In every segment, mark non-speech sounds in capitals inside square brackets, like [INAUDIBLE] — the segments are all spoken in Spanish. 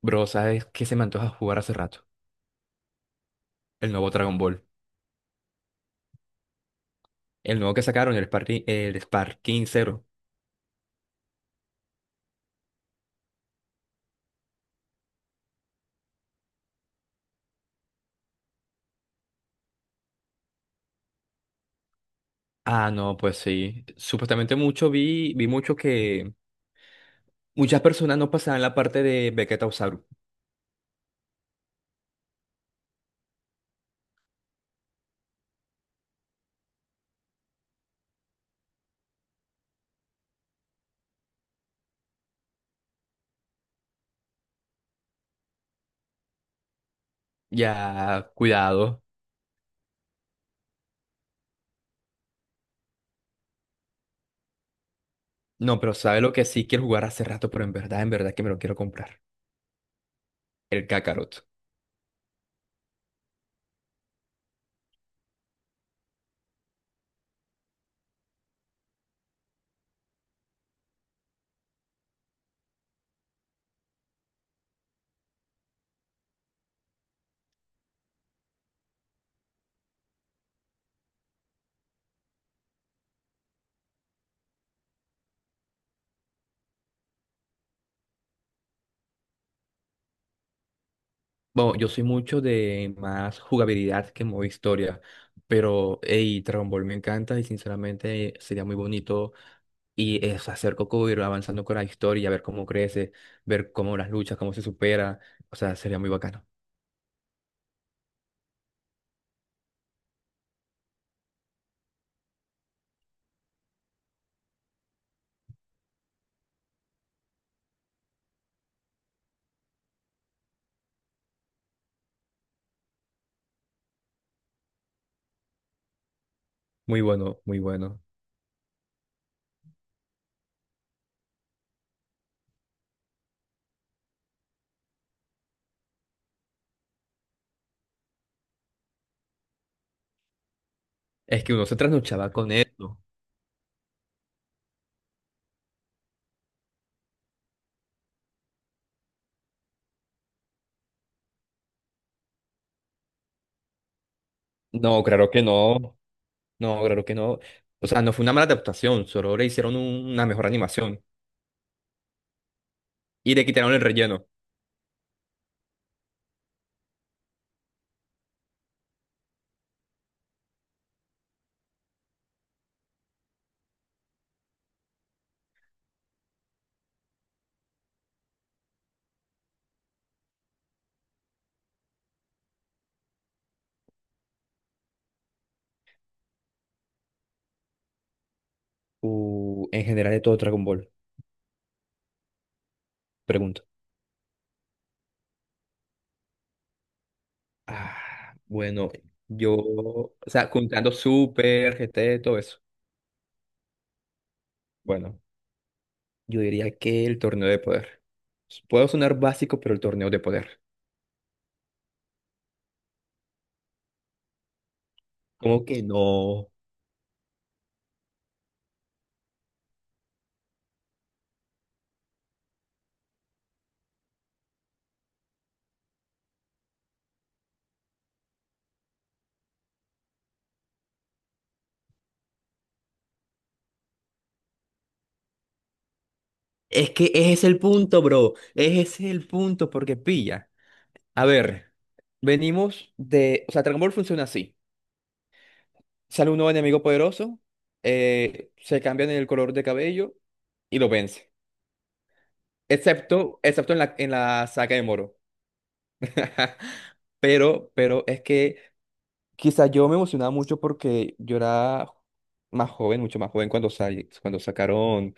Bro, ¿sabes qué se me antoja jugar hace rato? El nuevo Dragon Ball. El nuevo que sacaron, el Sparking Zero. Ah, no, pues sí. Supuestamente mucho vi mucho que muchas personas no pasaban la parte de Vegeta Usaru. Ya, cuidado. No, pero ¿sabes lo que sí quiero jugar hace rato? Pero en verdad que me lo quiero comprar. El Kakarot. Bueno, yo soy mucho de más jugabilidad que modo historia. Pero, hey, Dragon Ball me encanta y sinceramente sería muy bonito y es hacer Coco ir avanzando con la historia, ver cómo crece, ver cómo las luchas, cómo se supera. O sea, sería muy bacano. Muy bueno, muy bueno. Es que uno se trasnochaba con esto. No, claro que no. No, claro que no. O sea, no fue una mala adaptación, solo le hicieron una mejor animación y le quitaron el relleno. En general de todo Dragon Ball, pregunto. Ah, bueno, yo, o sea, juntando Super, GT, todo eso. Bueno. Yo diría que el torneo de poder. Puedo sonar básico, pero el torneo de poder. ¿Cómo que no? Es que ese es el punto, bro. Ese es el punto, porque pilla. A ver, venimos de... O sea, Dragon Ball funciona así. Sale un nuevo enemigo poderoso, se cambian el color de cabello y lo vence. Excepto en la saga de Moro. [LAUGHS] Pero es que quizá yo me emocionaba mucho porque yo era más joven, mucho más joven cuando, cuando sacaron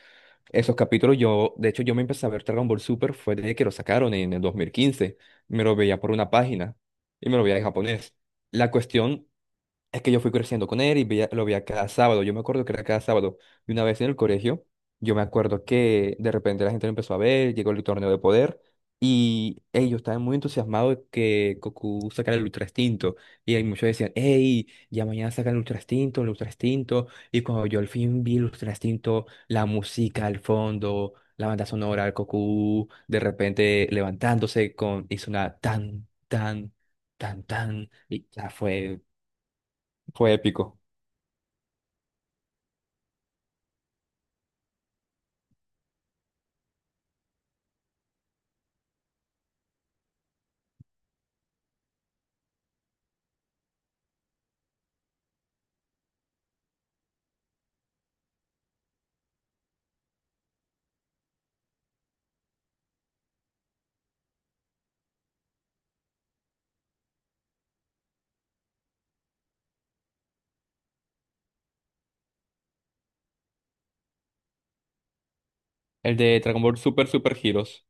esos capítulos. Yo, de hecho, yo me empecé a ver Dragon Ball Super fue desde que lo sacaron en el 2015. Me lo veía por una página y me lo veía en japonés. La cuestión es que yo fui creciendo con él y lo veía cada sábado. Yo me acuerdo que era cada sábado. Y una vez en el colegio, yo me acuerdo que de repente la gente lo empezó a ver, llegó el torneo de poder y ellos estaban muy entusiasmados de que Goku sacara el Ultra Instinto. Y ahí muchos decían, hey, ya mañana sacan el Ultra Instinto, el Ultra Instinto. Y cuando yo al fin vi el Ultra Instinto, la música al fondo, la banda sonora, el Goku de repente levantándose con, hizo una tan, tan, tan, tan. Y ya fue. Fue épico. El de Dragon Ball Super Super Heroes.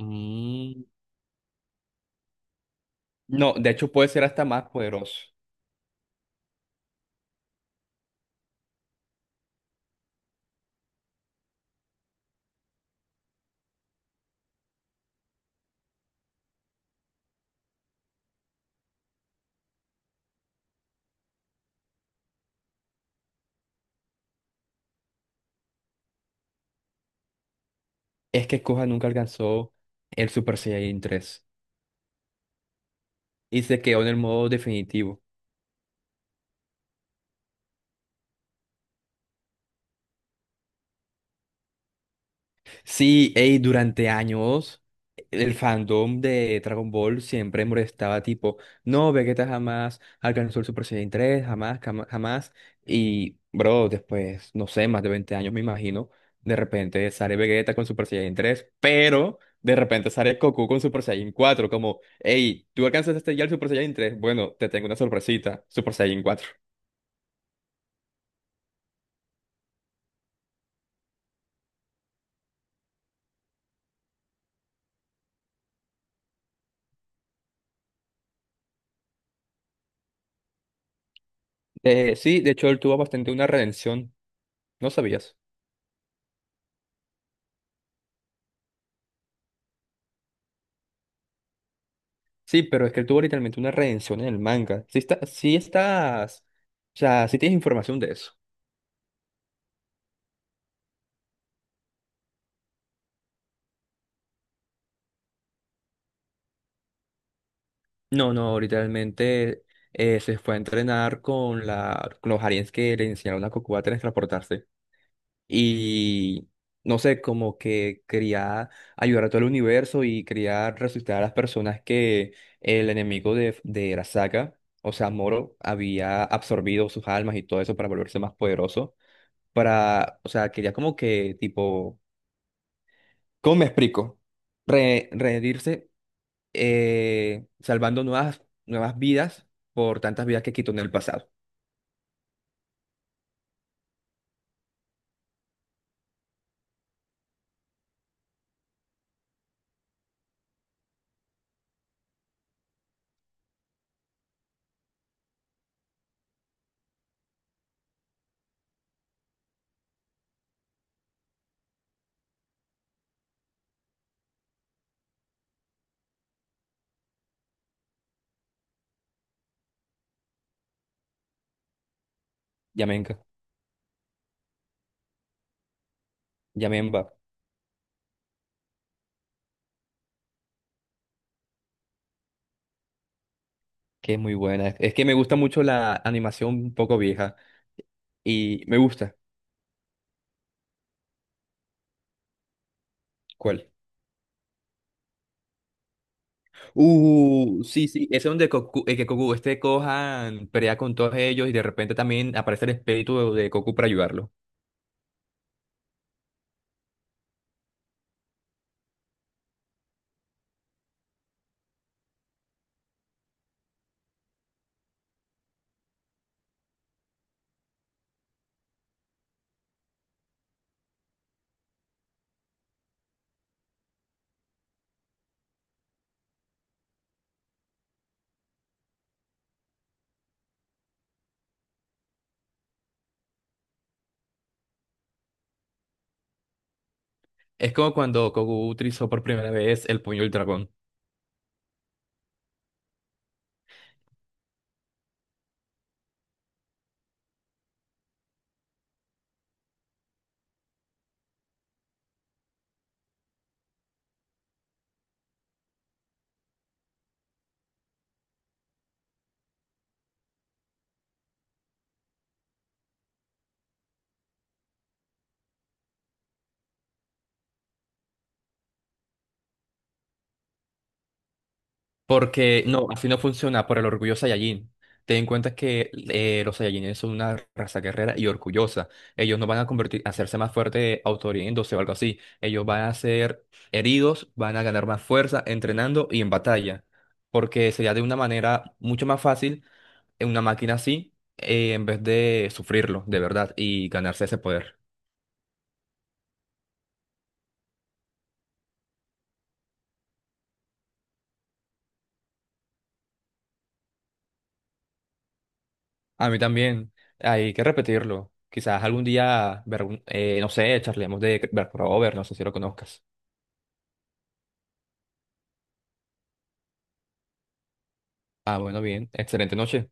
Mm. No, de hecho puede ser hasta más poderoso. Es que Gohan nunca alcanzó el Super Saiyan tres y se quedó en el modo definitivo. Sí, ey, durante años el fandom de Dragon Ball siempre molestaba tipo, no, Vegeta jamás alcanzó el Super Saiyan tres jamás, jamás. Y, bro, después, no sé, más de 20 años me imagino, de repente sale Vegeta con Super Saiyan tres pero de repente sale Goku con Super Saiyan cuatro como, hey, tú alcanzaste ya el Super Saiyan tres bueno, te tengo una sorpresita, Super Saiyan cuatro. Sí, de hecho él tuvo bastante una redención, ¿no sabías? Sí, pero es que él tuvo literalmente una redención en el manga. Sí, está, sí estás, o sea, sí tienes información de eso. No, no, literalmente se fue a entrenar con los aliens que le enseñaron a Goku a transportarse. Y no sé, como que quería ayudar a todo el universo y quería resucitar a las personas que el enemigo de Arasaka, o sea, Moro, había absorbido sus almas y todo eso para volverse más poderoso. Para, o sea, quería como que tipo. ¿Cómo me explico? Reherirse, salvando nuevas vidas por tantas vidas que quitó en el pasado. Yamenka, Yamenba, que es muy buena. Es que me gusta mucho la animación un poco vieja y me gusta. ¿Cuál? Sí, sí, es donde Goku, que Goku este Gohan pelea con todos ellos y de repente también aparece el espíritu de Goku para ayudarlo. Es como cuando Goku utilizó por primera vez el puño del dragón. Porque no, así no funciona por el orgullo Saiyajin. Ten en cuenta que los Saiyajines son una raza guerrera y orgullosa. Ellos no van a convertir, a hacerse más fuerte autohiriéndose o algo así. Ellos van a ser heridos, van a ganar más fuerza entrenando y en batalla. Porque sería de una manera mucho más fácil en una máquina así, en vez de sufrirlo de verdad y ganarse ese poder. A mí también hay que repetirlo. Quizás algún día, ver no sé, charlemos de Berk Over, no sé si lo conozcas. Ah, bueno, bien. Excelente noche.